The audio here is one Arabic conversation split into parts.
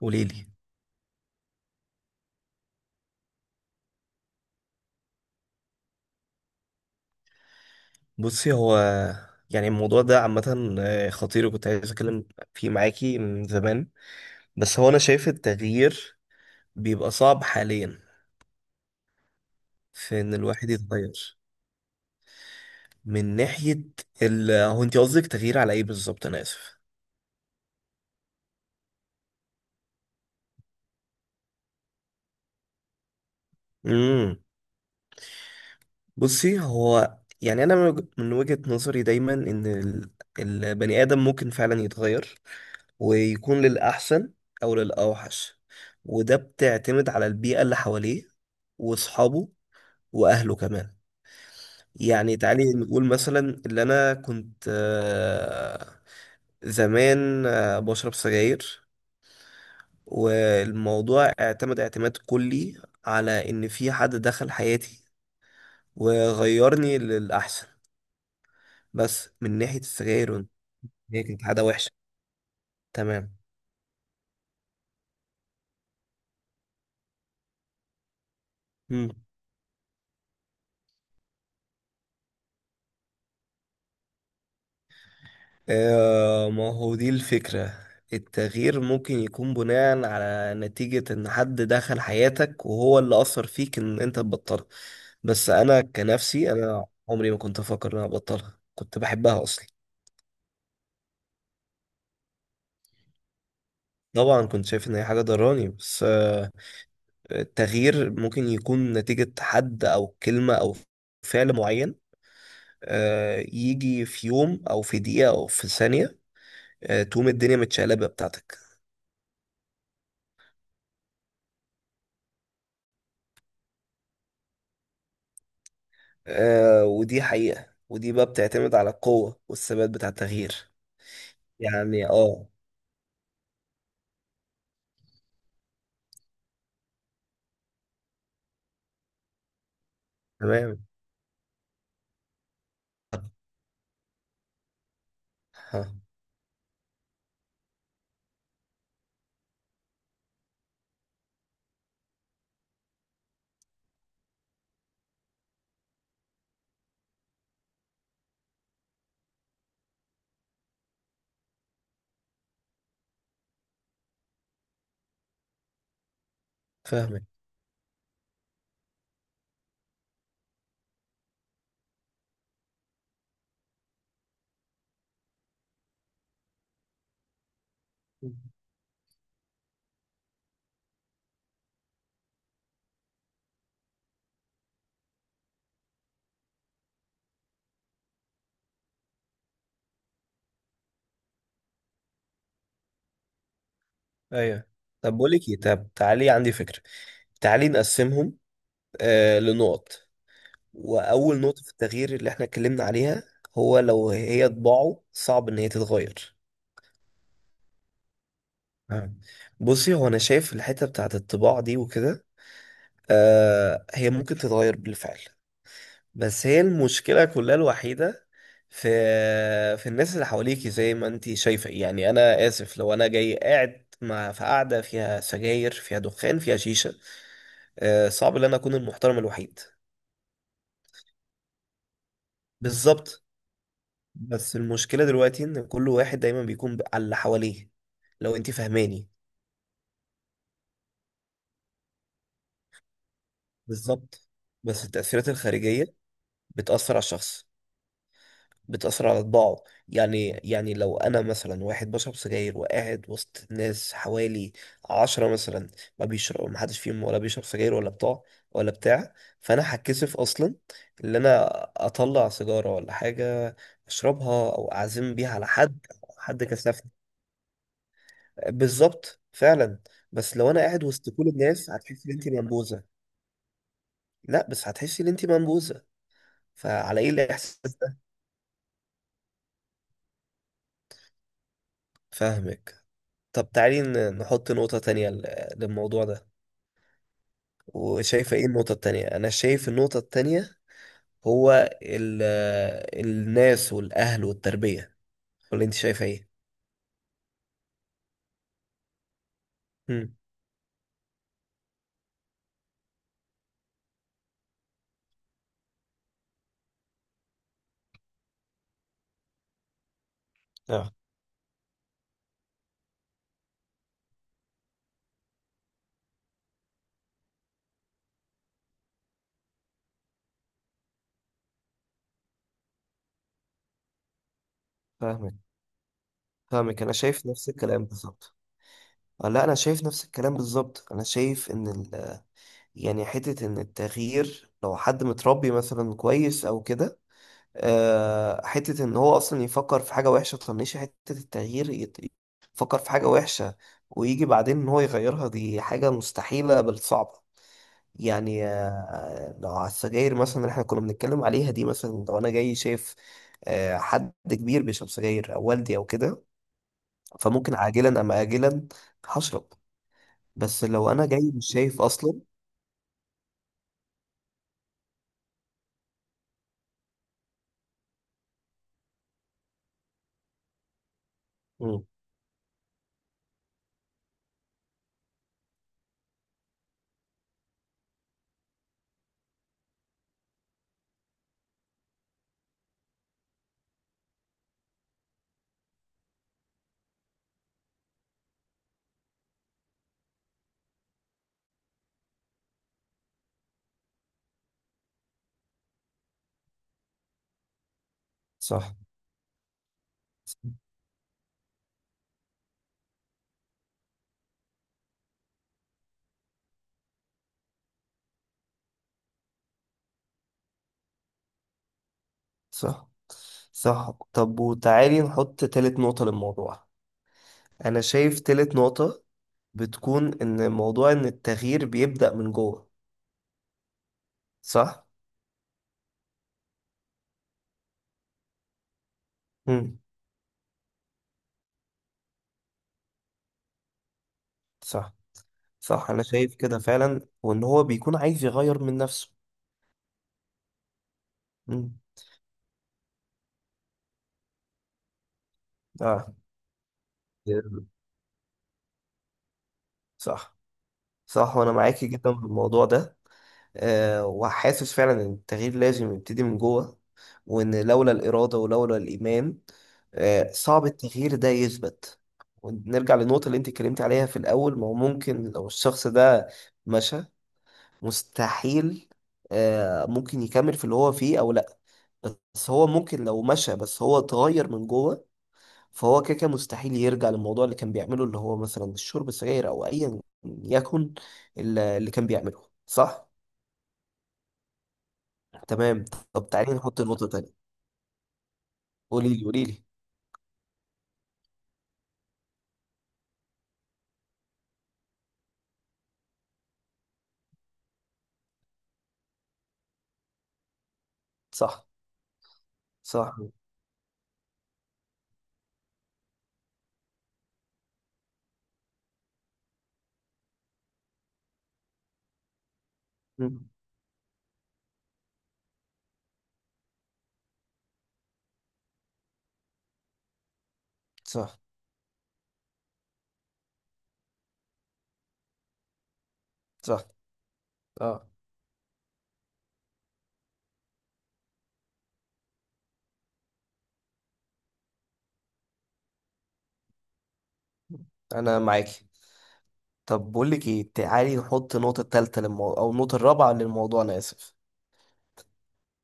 قولي لي. بصي، هو يعني الموضوع ده عامة خطير، وكنت عايز أتكلم فيه معاكي من زمان. بس هو أنا شايف التغيير بيبقى صعب حاليا في إن الواحد يتغير. من ناحية هو أنت قصدك تغيير على إيه بالظبط؟ أنا آسف. امم بصي، هو يعني أنا من وجهة نظري دايما إن البني آدم ممكن فعلا يتغير، ويكون للأحسن أو للأوحش. وده بتعتمد على البيئة اللي حواليه وأصحابه واهله كمان. يعني تعالي نقول مثلا اللي انا كنت زمان بشرب سجاير. والموضوع اعتمد اعتماد كلي على ان في حد دخل حياتي وغيرني للاحسن. بس من ناحية السجاير، وإن هي كانت عادة وحشة. تمام. آه، ما هو دي الفكرة. التغيير ممكن يكون بناء على نتيجة ان حد دخل حياتك وهو اللي اثر فيك ان انت تبطلها. بس انا كنفسي، انا عمري ما كنت افكر ان انا ابطلها، كنت بحبها اصلا. طبعا كنت شايف ان هي حاجة ضراني، بس. التغيير ممكن يكون نتيجة حد او كلمة او فعل معين. يجي في يوم او في دقيقة او في ثانية. تقوم الدنيا متشقلبة بتاعتك. ودي حقيقة، ودي بقى بتعتمد على القوة والثبات بتاع التغيير. يعني، اه. تمام. ها. فاهمك. ايوه. طب بقول لك ايه، طب تعالي عندي فكرة. تعالي نقسمهم لنقط. وأول نقطة في التغيير اللي احنا اتكلمنا عليها، هو لو هي طباعه صعب إن هي تتغير. آه. بصي، هو أنا شايف الحتة بتاعت الطباع دي وكده، هي ممكن تتغير بالفعل. بس هي المشكلة كلها الوحيدة في في الناس اللي حواليكي زي ما انتي شايفة. يعني انا اسف لو انا جاي قاعد مع في قعدة فيها سجاير فيها دخان فيها شيشة، صعب ان انا اكون المحترم الوحيد. بالظبط. بس المشكلة دلوقتي ان كل واحد دايما بيكون على اللي حواليه، لو انتي فاهماني. بالظبط. بس التأثيرات الخارجية بتأثر على الشخص، بتأثر على طباعه. يعني لو أنا مثلا واحد بشرب سجاير وقاعد وسط ناس حوالي عشرة مثلا، ما بيشرب ما حدش فيهم ولا بيشرب سجاير ولا بتاع ولا بتاع. فأنا هتكسف أصلا إن أنا أطلع سيجارة ولا حاجة، أشربها أو أعزم بيها على حد. حد كسفني. بالظبط فعلا. بس لو أنا قاعد وسط كل الناس هتحسي إن أنت منبوذة. لا، بس هتحسي إن أنت منبوذة. فعلى إيه الإحساس ده؟ فاهمك. طب تعالي نحط نقطة تانية للموضوع ده. وشايفة ايه النقطة التانية؟ أنا شايف النقطة التانية هو ال الناس والأهل والتربية. ولا أنت شايفة ايه؟ مم. اه. فاهمك فاهمك، انا شايف نفس الكلام بالظبط. لا، انا شايف نفس الكلام بالظبط. انا شايف ان ال... يعني حته ان التغيير لو حد متربي مثلا كويس او كده، حتة إن هو أصلا يفكر في حاجة وحشة تطنشه. حتة التغيير يفكر في حاجة وحشة ويجي بعدين إن هو يغيرها، دي حاجة مستحيلة بل صعبة. يعني لو على السجاير مثلا اللي إحنا كنا بنتكلم عليها دي، مثلا لو أنا جاي شايف حد كبير بيشرب سجاير أو والدي أو كده، فممكن عاجلا أم آجلا هشرب. بس لو أنا جاي مش شايف أصلا. مم. صح، صح، صح. طب وتعالي نحط تالت نقطة للموضوع. انا شايف تالت نقطة بتكون ان موضوع ان التغيير بيبدأ من جوه، صح؟ مم. صح، صح. انا شايف كده فعلا، وان هو بيكون عايز يغير من نفسه. مم. اه. صح، صح، وانا معاكي جدا في الموضوع ده. أه، وحاسس فعلا ان التغيير لازم يبتدي من جوه، وان لولا الإرادة ولولا الإيمان صعب التغيير ده يثبت. ونرجع للنقطة اللي انت اتكلمتي عليها في الأول، ما هو ممكن لو الشخص ده مشى مستحيل. ممكن يكمل في اللي هو فيه او لا. بس هو ممكن لو مشى بس هو اتغير من جوه، فهو كده كده مستحيل يرجع للموضوع اللي كان بيعمله، اللي هو مثلا الشرب السجاير او ايا يكن اللي كان بيعمله. صح. تمام. طب تعالي نحط نقطة تانية. قولي لي قولي لي. صح. صح. مم. صح، صح. اه، انا معاكي. طب بقول لك ايه، تعالي نحط النقطة التالتة للموضوع او النقطة الرابعة للموضوع، انا اسف.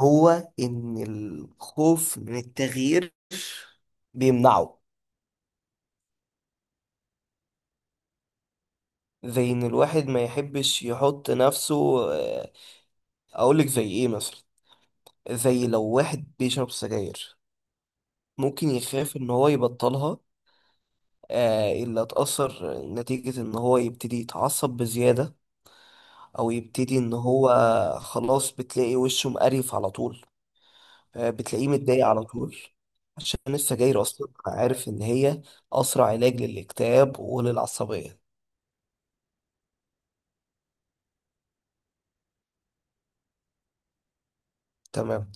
هو إن الخوف من التغيير بيمنعه. زي إن الواحد ما يحبش يحط نفسه، آه، أقولك زي إيه مثلا، زي لو واحد بيشرب سجاير ممكن يخاف إن هو يبطلها. إلا اتأثر نتيجة إن هو يبتدي يتعصب بزيادة، أو يبتدي إن هو خلاص بتلاقي وشه مقرف على طول. بتلاقيه متضايق على طول عشان السجاير أصلا عارف إن هي أسرع علاج للاكتئاب وللعصبية. تمام.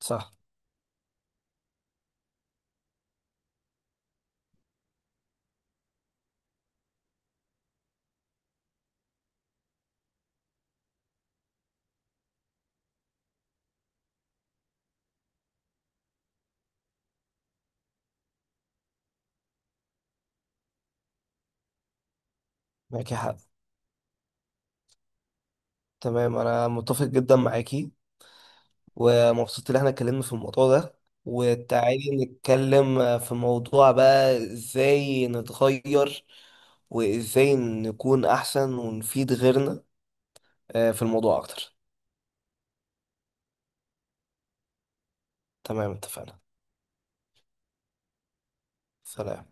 صح. معاكي حق. تمام، انا متفق جدا معاكي، ومبسوط ان احنا اتكلمنا في الموضوع ده. وتعالي نتكلم في موضوع بقى ازاي نتغير، وازاي نكون احسن ونفيد غيرنا في الموضوع اكتر. تمام اتفقنا. سلام.